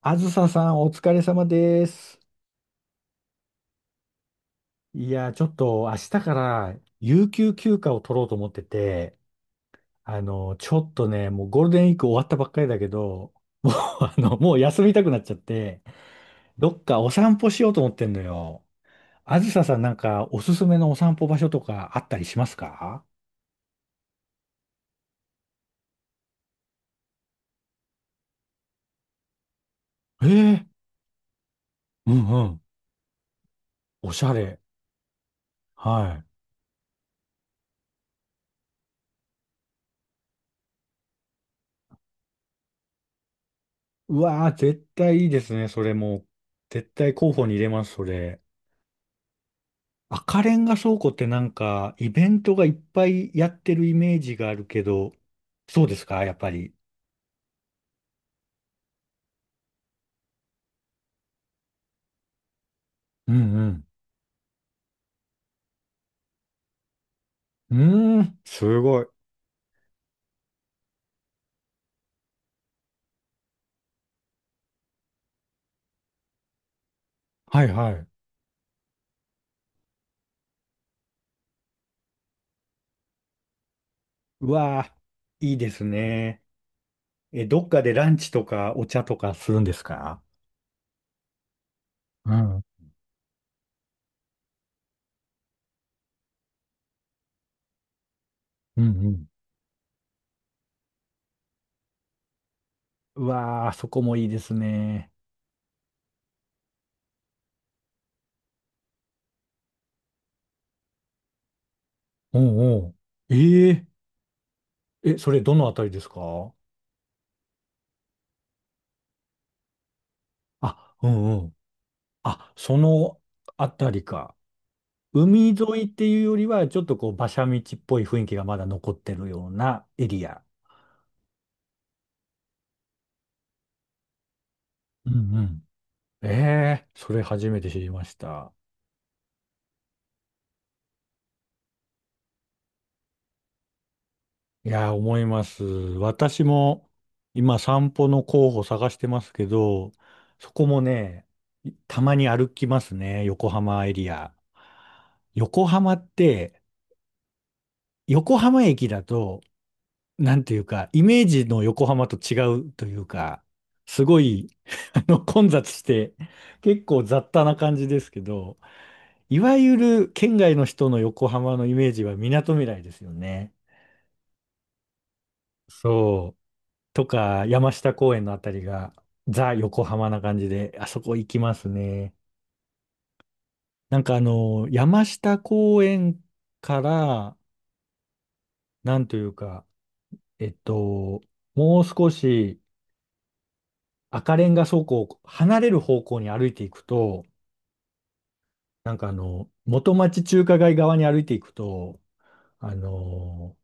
あずささん、お疲れ様です。いや、ちょっと明日から有給休暇を取ろうと思ってて、ちょっとね、もうゴールデンウィーク終わったばっかりだけど、もう、もう休みたくなっちゃって、どっかお散歩しようと思ってんのよ。あずささん、なんかおすすめのお散歩場所とかあったりしますか？ええ、うんうん。おしゃれ。はい。うわー、絶対いいですね、それもう。絶対候補に入れます、それ。赤レンガ倉庫ってなんか、イベントがいっぱいやってるイメージがあるけど、そうですか、やっぱり。うんうん。うーん、すごい。はいはい。うわあ、いいですね。え、どっかでランチとかお茶とかするんですか？うん、うんうん。うわあ、そこもいいですね。おうおう。ええ、え、それどのあたりですか？あ、うんうん。あ、そのあたりか。海沿いっていうよりは、ちょっとこう、馬車道っぽい雰囲気がまだ残ってるようなエリア。うんうん。ええ、それ初めて知りました。いやー、思います。私も今散歩の候補探してますけど、そこもね、たまに歩きますね、横浜エリア。横浜って、横浜駅だとなんていうか、イメージの横浜と違うというか、すごい、混雑して、結構雑多な感じですけど、いわゆる県外の人の横浜のイメージは港未来ですよね。そう。とか、山下公園のあたりが、ザ・横浜な感じで、あそこ行きますね。なんかあの、山下公園から、なんというか、えっと、もう少し赤レンガ倉庫を離れる方向に歩いていくと、なんかあの、元町中華街側に歩いていくと、あの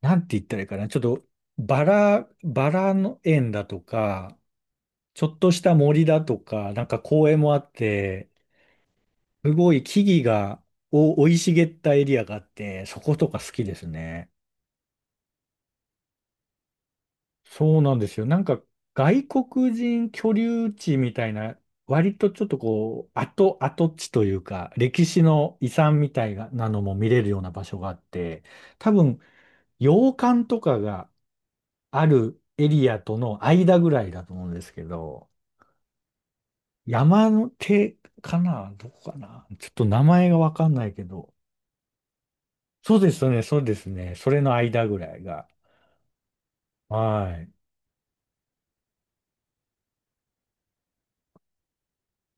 なんて言ったらいいかな、ちょっとバラの園だとか、ちょっとした森だとか、なんか公園もあって、すごい木々がお生い茂ったエリアがあって、そことか好きですね。そうなんですよ。なんか外国人居留地みたいな、割とちょっとこう、跡地というか、歴史の遺産みたいなのも見れるような場所があって、多分、洋館とかがあるエリアとの間ぐらいだと思うんですけど、山の手かなどこかなちょっと名前がわかんないけど。そうですね。それの間ぐらいが。はい。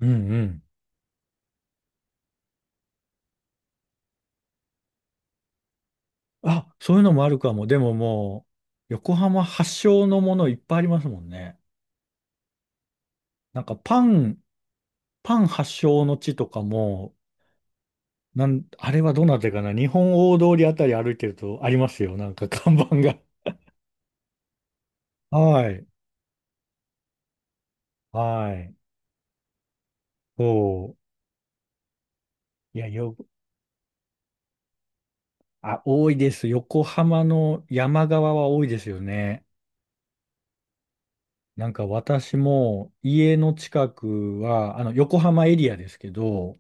うんうん。あ、そういうのもあるかも。でももう、横浜発祥のものいっぱいありますもんね。なんかパン、パン発祥の地とかも、あれはどなたかな、日本大通りあたり歩いてるとありますよ。なんか 看板が。はい。はい。そう。あ、多いです。横浜の山側は多いですよね。なんか私も家の近くは、横浜エリアですけど、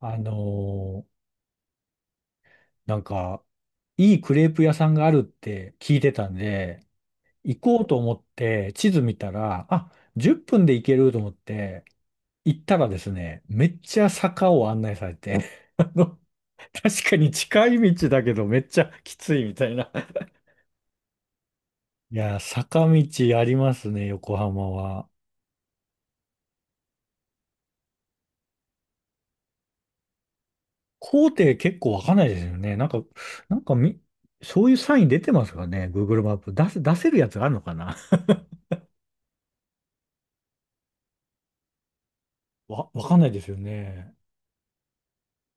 あのーなんか、いいクレープ屋さんがあるって聞いてたんで、行こうと思って地図見たら、あ、10分で行けると思って、行ったらですね、めっちゃ坂を案内されて、あの、確かに近い道だけどめっちゃきついみたいな。いやー、坂道ありますね、横浜は。工程結構わかんないですよね。なんか、なんかみ、そういうサイン出てますかね、Google マップ。出せるやつあるのかな？ わかんないですよね。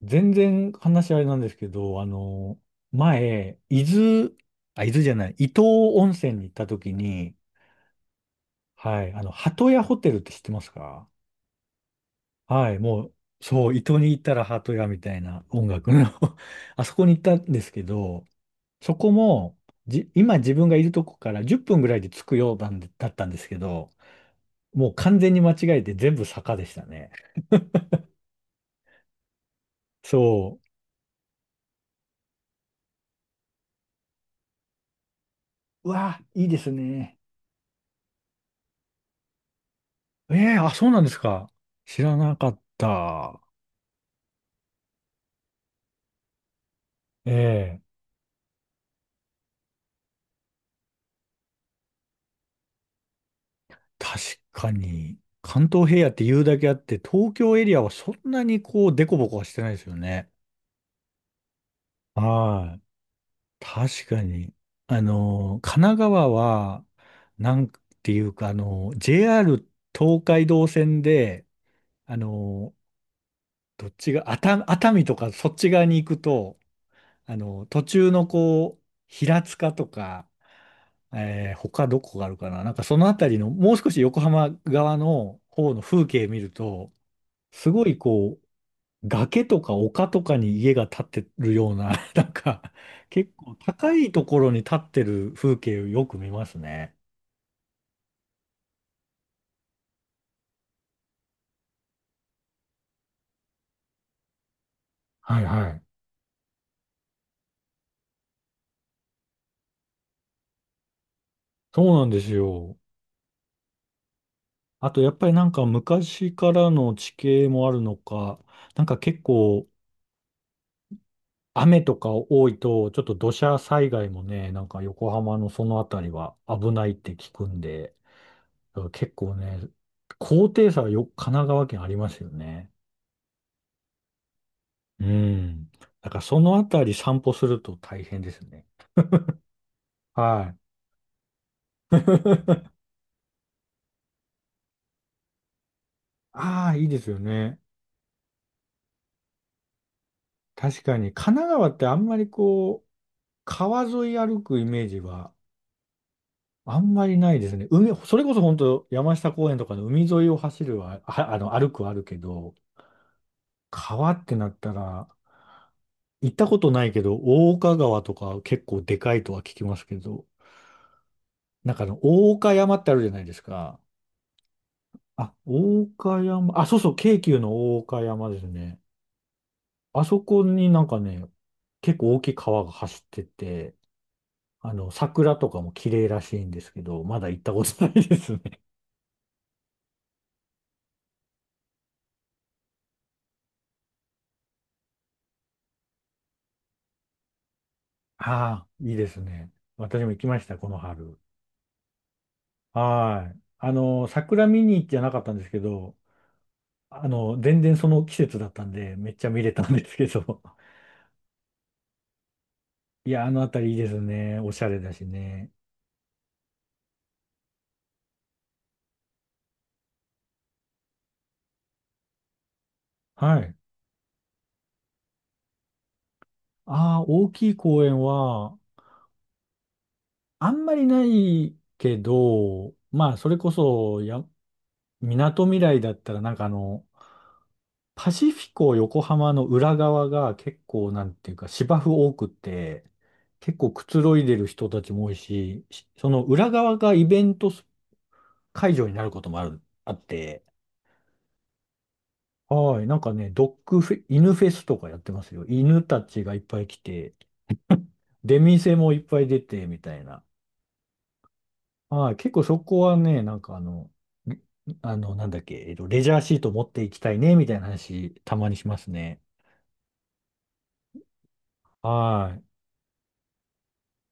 全然話あれなんですけど、前、伊豆じゃない、伊東温泉に行った時に、はい、鳩屋ホテルって知ってますか？はい、もう、そう、伊東に行ったら鳩屋みたいな音楽の あそこに行ったんですけど、そこも、今自分がいるとこから10分ぐらいで着くようなんでだったんですけど、もう完全に間違えて全部坂でしたね。そう。うわ、いいですね。ええ、あ、そうなんですか。知らなかった。ええ、確かに、関東平野って言うだけあって、東京エリアはそんなにこう、デコボコはしてないですよね。はい。確かに。神奈川は、なんていうか、JR 東海道線で、あの、どっちが、熱海とかそっち側に行くと、途中のこう、平塚とか、えー他どこがあるかな、なんかそのあたりの、もう少し横浜側の方の風景見ると、すごいこう、崖とか丘とかに家が建ってるような、なんか、結構高いところに建ってる風景をよく見ますね。はいはい。そうなんですよ。あとやっぱりなんか昔からの地形もあるのか、なんか結構雨とか多いと、ちょっと土砂災害もね、なんか横浜のそのあたりは危ないって聞くんで、だから結構ね、高低差はよ、神奈川県ありますよね。うん。だからそのあたり散歩すると大変ですね。はい。ああ、いいですよね。確かに、神奈川ってあんまりこう、川沿い歩くイメージはあんまりないですね。海、それこそ本当山下公園とかの海沿いを走るは、は、あの、歩くはあるけど、川ってなったら、行ったことないけど、大岡川とか結構でかいとは聞きますけど、なんかあの、大岡山ってあるじゃないですか。あ、大岡山、あ、そうそう、京急の大岡山ですね。あそこになんかね、結構大きい川が走ってて、桜とかも綺麗らしいんですけど、まだ行ったことないですね。ああ、いいですね。私も行きました、この春。はい。桜見に行ってなかったんですけど、全然その季節だったんで、めっちゃ見れたんですけど。いや、あのあたりいいですね。おしゃれだしね。はい。ああ、大きい公園は、あんまりないけど、まあ、それこそ、や、みなとみらいだったら、なんかあの、パシフィコ横浜の裏側が結構、なんていうか、芝生多くて、結構くつろいでる人たちも多いし、しその裏側がイベント会場になることもある、あって、はい、なんかね、ドッグフェ、犬フェスとかやってますよ。犬たちがいっぱい来て、出店もいっぱい出て、みたいな。はい、結構そこはね、なんかあの、んあの、なんだっけ、えっと、レジャーシート持っていきたいね、みたいな話、たまにしますね。は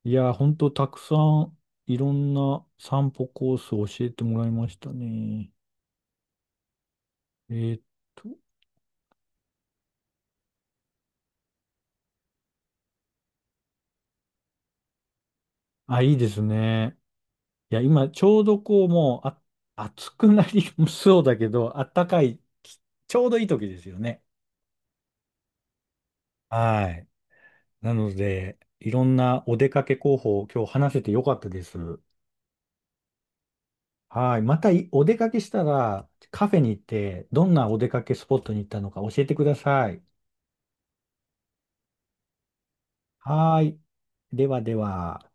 い。いや、ほんとたくさん、いろんな散歩コースを教えてもらいましたね。えーっと、あ、いいですね。いや、今、ちょうどこう、もう、あ、暑くなり そうだけど、あったかい、ちょうどいい時ですよね。はい。なので、いろんなお出かけ候補を今日話せてよかったです。はい。またいお出かけしたらカフェに行ってどんなお出かけスポットに行ったのか教えてください。はい。ではでは。